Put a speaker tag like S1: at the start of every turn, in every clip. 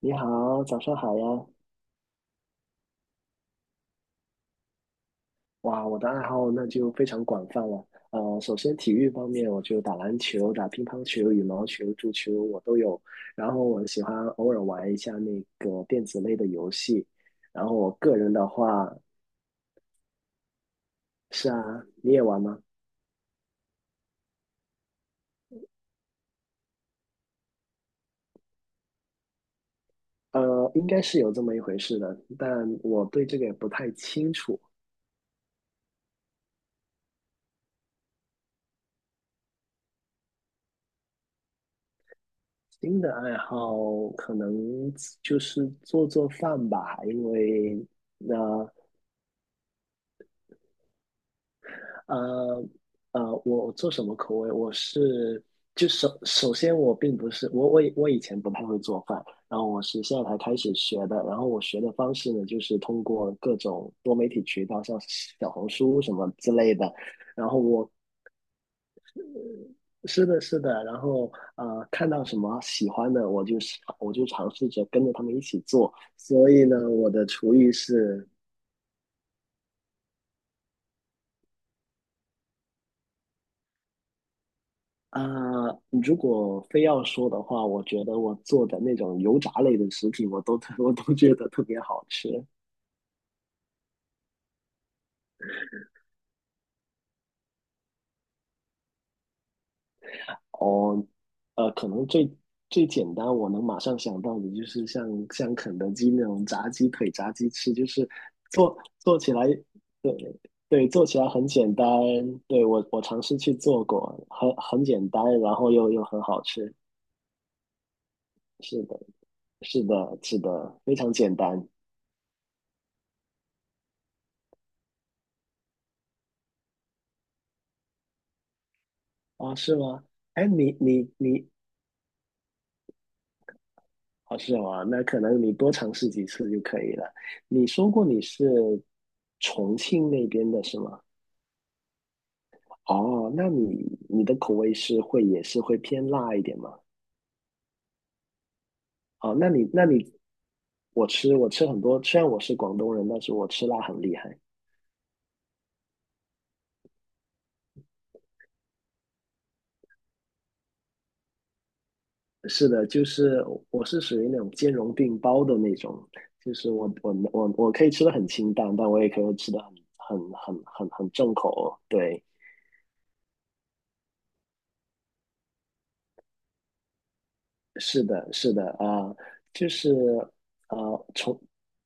S1: 你好，早上好呀！哇，我的爱好那就非常广泛了。首先体育方面，我就打篮球、打乒乓球、羽毛球、足球我都有。然后我喜欢偶尔玩一下那个电子类的游戏。然后我个人的话，是啊，你也玩吗？应该是有这么一回事的，但我对这个也不太清楚。新的爱好可能就是做做饭吧，因为那、呃呃我做什么口味？我是就首先我并不是我以前不太会做饭，然后我是现在才开始学的。然后我学的方式呢，就是通过各种多媒体渠道，像小红书什么之类的。然后我是的是的，然后看到什么喜欢的，我就尝试着跟着他们一起做。所以呢，我的厨艺是啊、如果非要说的话，我觉得我做的那种油炸类的食品，我都 我都觉得特别好吃。哦，可能最简单，我能马上想到的就是像肯德基那种炸鸡腿、炸鸡翅，就是做做起来，对对，做起来很简单。对，我尝试去做过，很简单，然后很好吃。是的，是的，是的，非常简单。啊？是吗？哎，你你你哦，是吗？那可能你多尝试几次就可以了。你说过你是重庆那边的是吗？哦，那你你的口味也是会偏辣一点吗？哦，那你那你我吃很多，虽然我是广东人，但是我吃辣很厉害。是的，就是我是属于那种兼容并包的那种，就是我可以吃的很清淡，但我也可以吃的很重口。对，是的，就是啊，从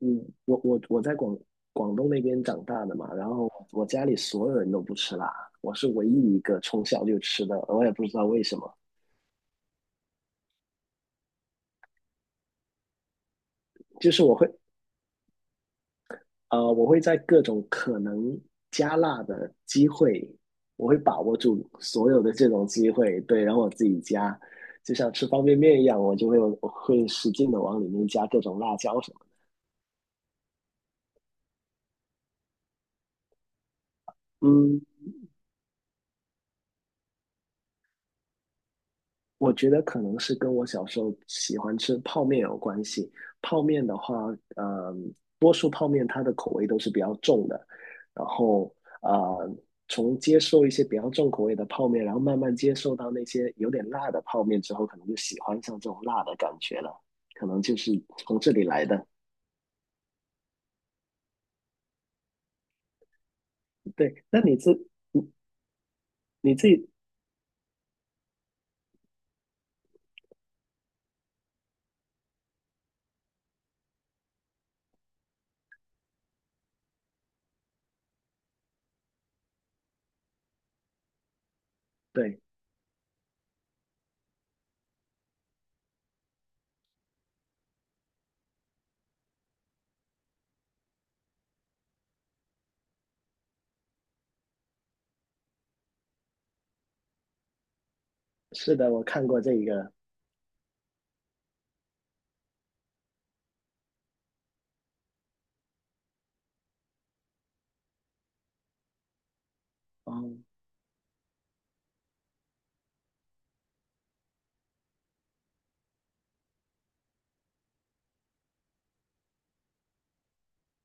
S1: 嗯，我在广东那边长大的嘛，然后我家里所有人都不吃辣，我是唯一一个从小就吃的，我也不知道为什么，就是我会我会在各种可能加辣的机会，我会把握住所有的这种机会，对，然后我自己加，就像吃方便面一样，我会使劲的往里面加各种辣椒什么的嗯。我觉得可能是跟我小时候喜欢吃泡面有关系。泡面的话，嗯，多数泡面它的口味都是比较重的，然后呃，从接受一些比较重口味的泡面，然后慢慢接受到那些有点辣的泡面之后，可能就喜欢上这种辣的感觉了，可能就是从这里来的。对，那你自你自己对，是的，我看过这一个，哦，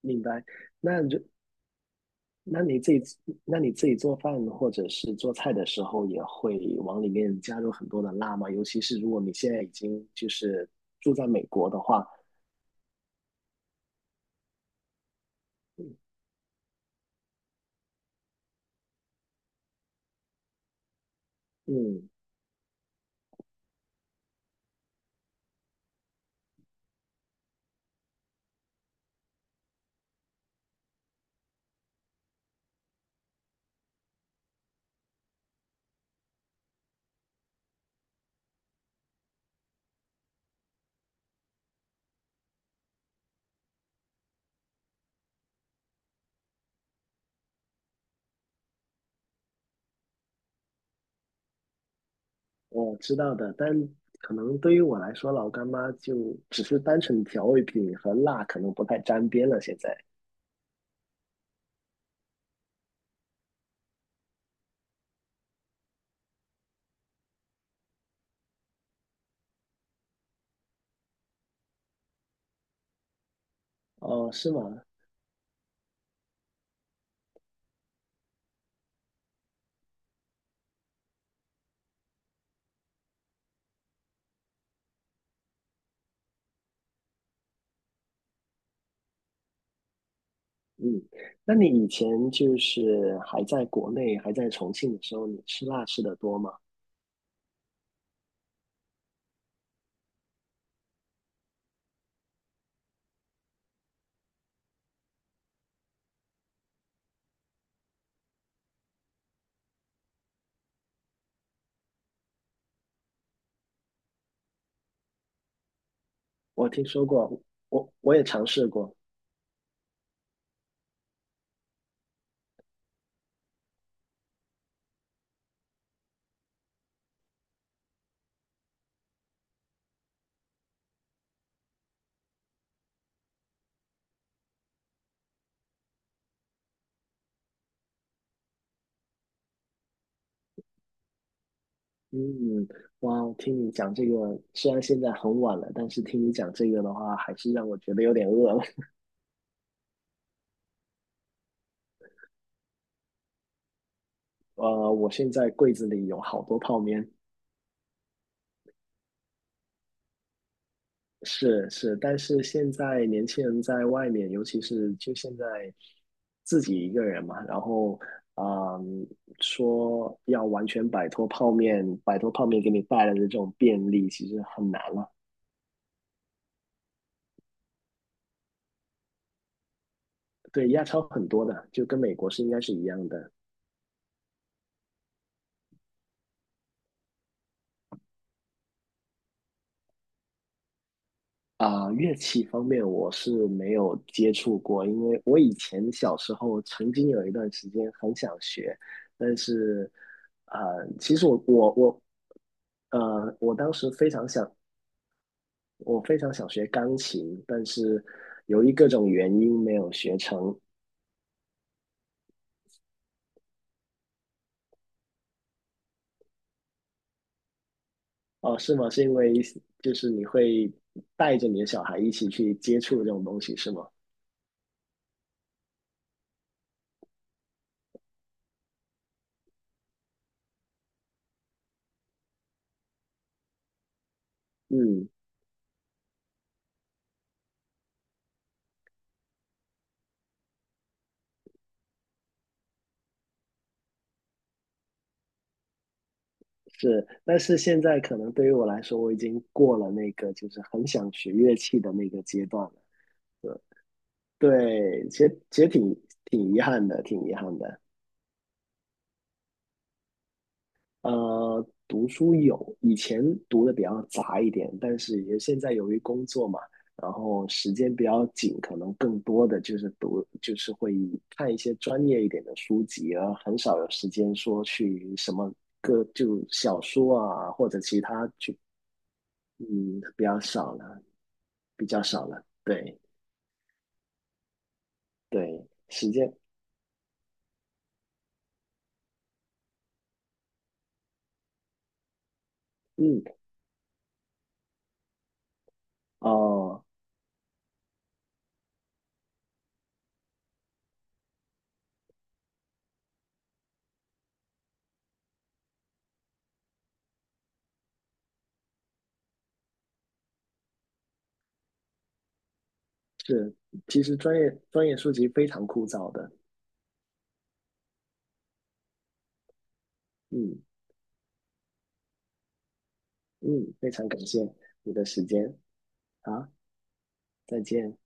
S1: 明白。那就。那你自己，那你自己做饭或者是做菜的时候，也会往里面加入很多的辣吗？尤其是如果你现在已经就是住在美国的话，嗯，嗯我知道的，但可能对于我来说，老干妈就只是单纯调味品和辣，可能不太沾边了。现在，哦，是吗？嗯，那你以前就是还在国内，还在重庆的时候，你吃辣吃的多吗？我听说过，我也尝试过。嗯，哇，听你讲这个，虽然现在很晚了，但是听你讲这个的话，还是让我觉得有点饿了。我现在柜子里有好多泡面，是是，但是现在年轻人在外面，尤其是就现在自己一个人嘛，然后啊嗯，说要完全摆脱泡面，摆脱泡面给你带来的这种便利，其实很难了。对，亚超很多的，就跟美国是应该是一样的。乐器方面我是没有接触过，因为我以前小时候曾经有一段时间很想学，但是，啊，其实我，我当时非常想，我非常想学钢琴，但是由于各种原因没有学成。哦，是吗？是因为就是你会带着你的小孩一起去接触这种东西，是吗？嗯是，但是现在可能对于我来说，我已经过了那个就是很想学乐器的那个阶段了。对，对其实其实挺遗憾的，挺遗憾的。读书有，以前读的比较杂一点，但是也现在由于工作嘛，然后时间比较紧，可能更多的就是读，就是会看一些专业一点的书籍，而很少有时间说去什么个就小说啊，或者其他去，嗯，比较少了。比较少了。对对，时间，嗯，哦，是，其实专业书籍非常枯燥的。嗯嗯，非常感谢你的时间，好，再见。